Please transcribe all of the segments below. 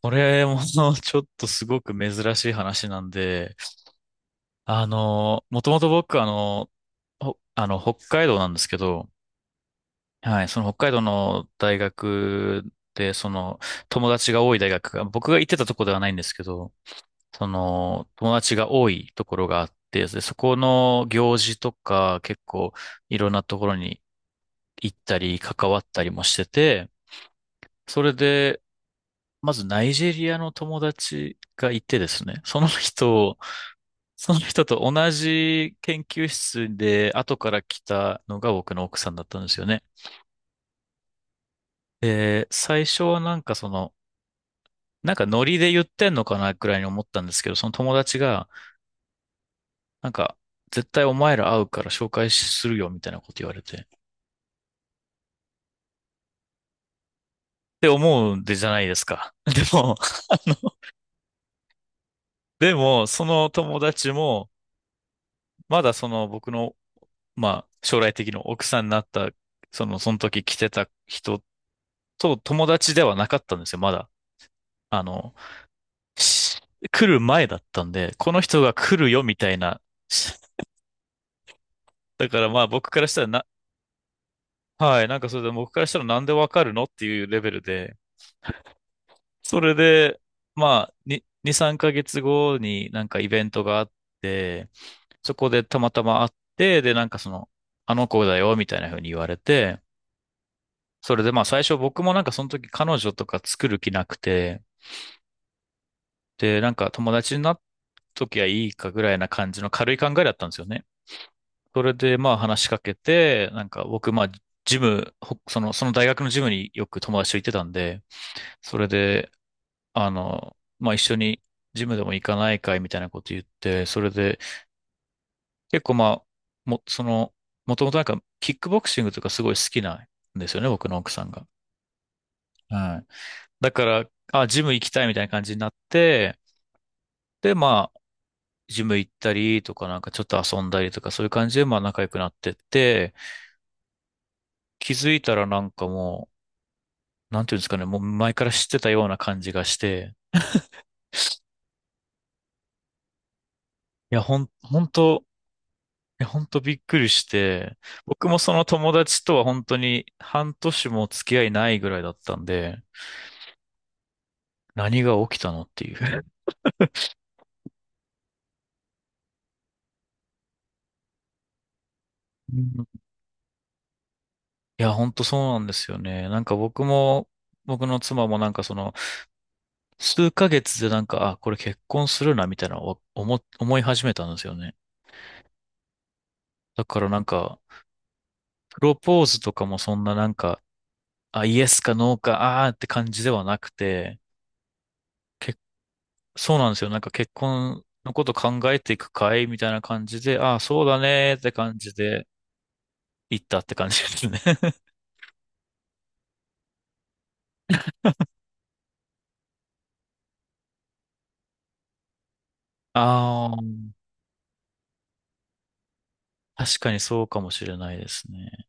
これも ちょっとすごく珍しい話なんで、もともと僕ほあの、北海道なんですけど、はい、その北海道の大学で、友達が多い大学が、僕が行ってたとこではないんですけど、友達が多いところがあって、でそこの行事とか、結構、いろんなところに行ったり、関わったりもしてて、それで、まずナイジェリアの友達がいてですね、その人と同じ研究室で後から来たのが僕の奥さんだったんですよね。で、最初はなんかなんかノリで言ってんのかなくらいに思ったんですけど、その友達が、なんか、絶対お前ら会うから紹介するよみたいなこと言われて。って思うんでじゃないですか。でも、あの、でも、その友達も、まだその僕の、まあ、将来的な奥さんになった、その時来てた人と友達ではなかったんですよ、まだ。あの、し来る前だったんで、この人が来るよみたいな。しだからまあ僕からしたらな、はい、なんかそれで僕からしたらなんでわかるのっていうレベルで、それで、まあ、2、3ヶ月後になんかイベントがあって、そこでたまたま会って、でなんかあの子だよみたいな風に言われて、それでまあ最初僕もなんかその時彼女とか作る気なくて、でなんか友達になっときゃいいかぐらいな感じの軽い考えだったんですよね。それで、まあ話しかけて、なんか僕、まあ、ジム、ほその、その大学のジムによく友達と行ってたんで、それで、まあ一緒にジムでも行かないかいみたいなこと言って、それで、結構まあ、も、その、もともとなんか、キックボクシングとかすごい好きなんですよね、僕の奥さんが。はい。だから、あ、ジム行きたいみたいな感じになって、で、まあ、ジム行ったりとか、なんかちょっと遊んだりとか、そういう感じで、まあ仲良くなってって、気づいたらなんかもう、なんていうんですかね、もう前から知ってたような感じがして、いや、本当いや、本当びっくりして、僕もその友達とは本当に半年も付き合いないぐらいだったんで、何が起きたのっていう。うん。いや、本当そうなんですよね。なんか僕も、僕の妻もなんか数ヶ月でなんか、あ、これ結婚するな、みたいな思い始めたんですよね。だからなんか、プロポーズとかもそんななんか、あ、イエスかノーか、って感じではなくて、結そうなんですよ。なんか結婚のこと考えていくかいみたいな感じで、ああ、そうだねーって感じで行ったって感じですね。ああ、確かにそうかもしれないですね。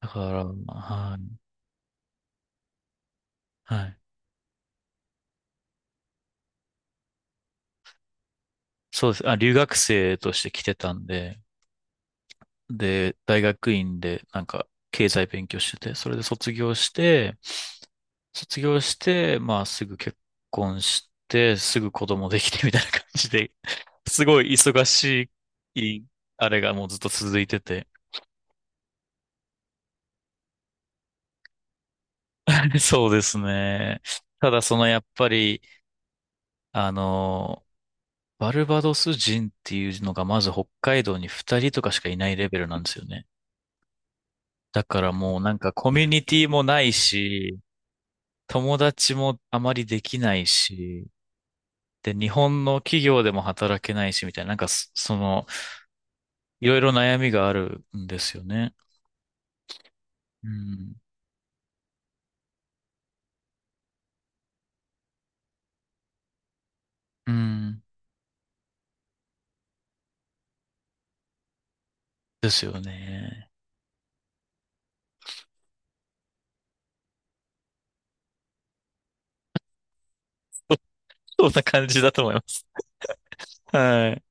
だから、はい。はい。そうです。あ、留学生として来てたんで、で、大学院でなんか経済勉強してて、それで卒業して、まあすぐ結婚して、すぐ子供できてみたいな感じですごい忙しい、あれがもうずっと続いてて。そうですね。ただやっぱり、あの、バルバドス人っていうのがまず北海道に二人とかしかいないレベルなんですよね。だからもうなんかコミュニティもないし、友達もあまりできないし、で、日本の企業でも働けないしみたいな、なんかいろいろ悩みがあるんですよね。うん。うん。ですよね。そんな感じだと思います。はい。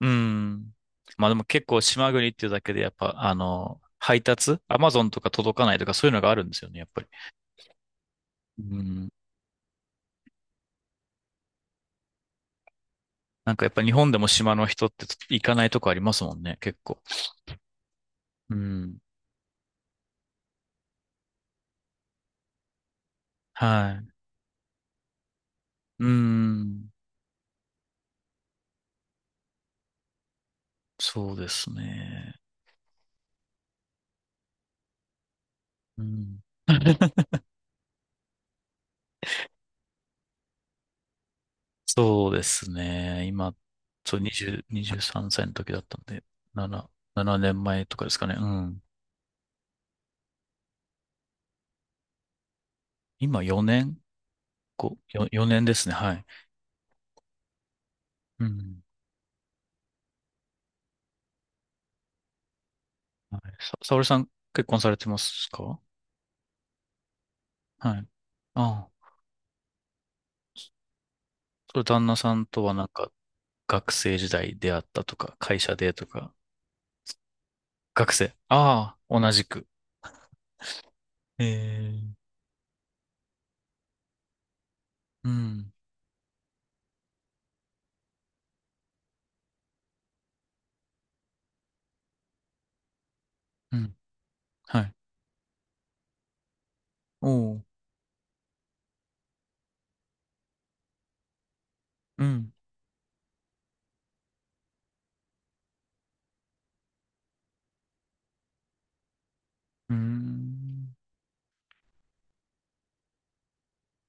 うん。まあでも結構島国っていうだけでやっぱ、配達、アマゾンとか届かないとかそういうのがあるんですよね、やっぱり。うん。なんかやっぱ日本でも島の人って行かないとこありますもんね、結構。うん。はい。うん。そうですね。うん。そうですね。今、そう、20、23歳の時だったんで、7、7年前とかですかね。うん。今4年 ?5、4年ですね。はい。うん。はい沙織さん結婚されてますか？はい。ああ。それ旦那さんとはなんか学生時代出会ったとか、会社でとか、学生。ああ、同じく。ええ、うん、うん、はい。おう、うん、うーん。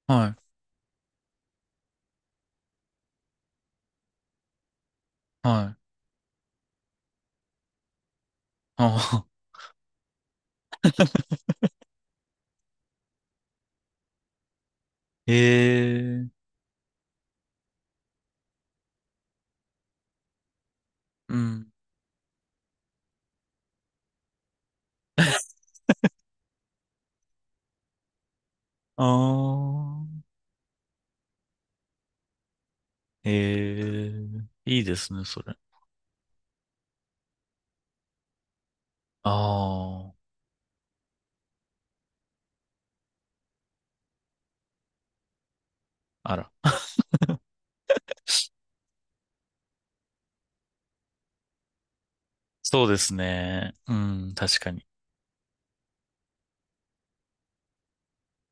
はい、はい。ああ、ええ、うん。ああ、ええ、いいですね、それ。ああ、あら。そうですね。うん、確かに。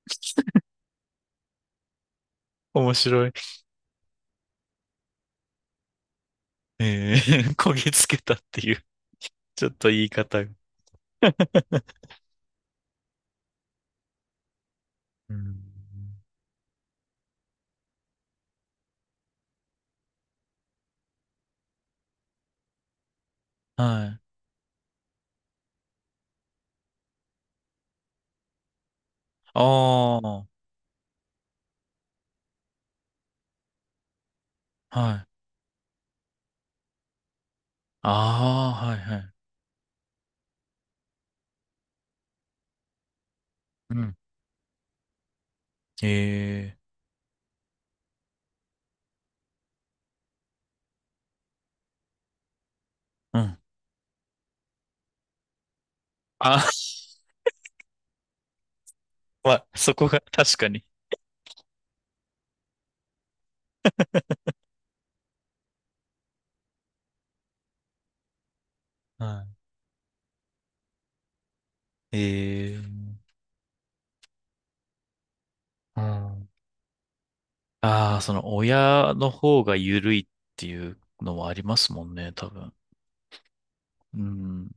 面白い。えー、焦げつけたっていう、ちょっと言い方が。うん。はい。ああ、はい。ああ、はい、はい。うん。ええ、うん。あ、まあ、そこが確かに。はい。ええ、うん。ああ、その親の方が緩いっていうのはありますもんね、多分。うん。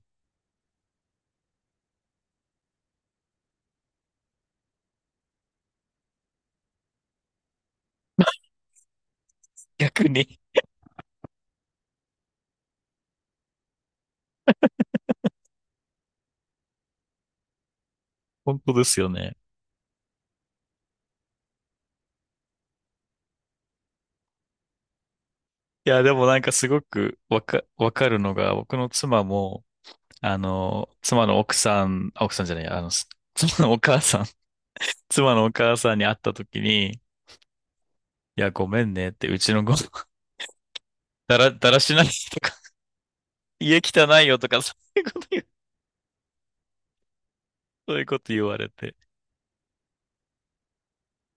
逆に。本当ですよね。いや、でもなんかすごくわかるのが、僕の妻も、妻の奥さん、あ、奥さんじゃない、妻のお母さん、妻のお母さんに会った時に、いや、ごめんねって、うちのご、だら、だらしないとか、家汚いよとか、そういうこと言う、そういうこと言われて。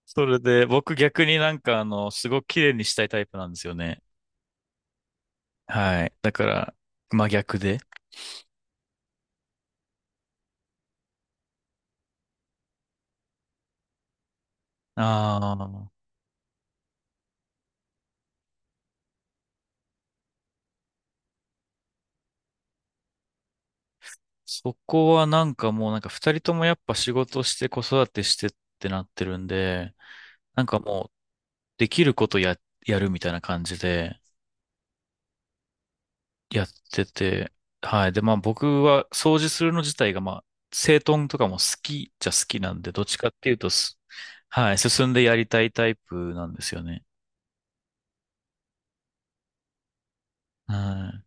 それで、僕逆になんかすごく綺麗にしたいタイプなんですよね。はい。だから、真逆で。ああ、そこはなんかもうなんか二人ともやっぱ仕事して子育てしてってなってるんで、なんかもうできることやるみたいな感じでやってて、はい。で、まあ僕は掃除するの自体がまあ、整頓とかも好きなんで、どっちかっていうとはい、進んでやりたいタイプなんですよね。は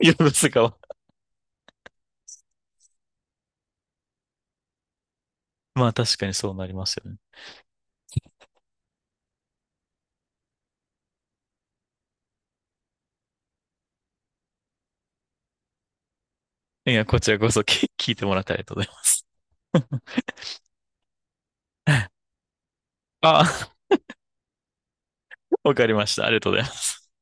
い。いや、ですが、まあ確かにそうなりますよね。いや、こちらこそ聞いてもらってありがとうございます。あ、わかりました。ありがとうございます。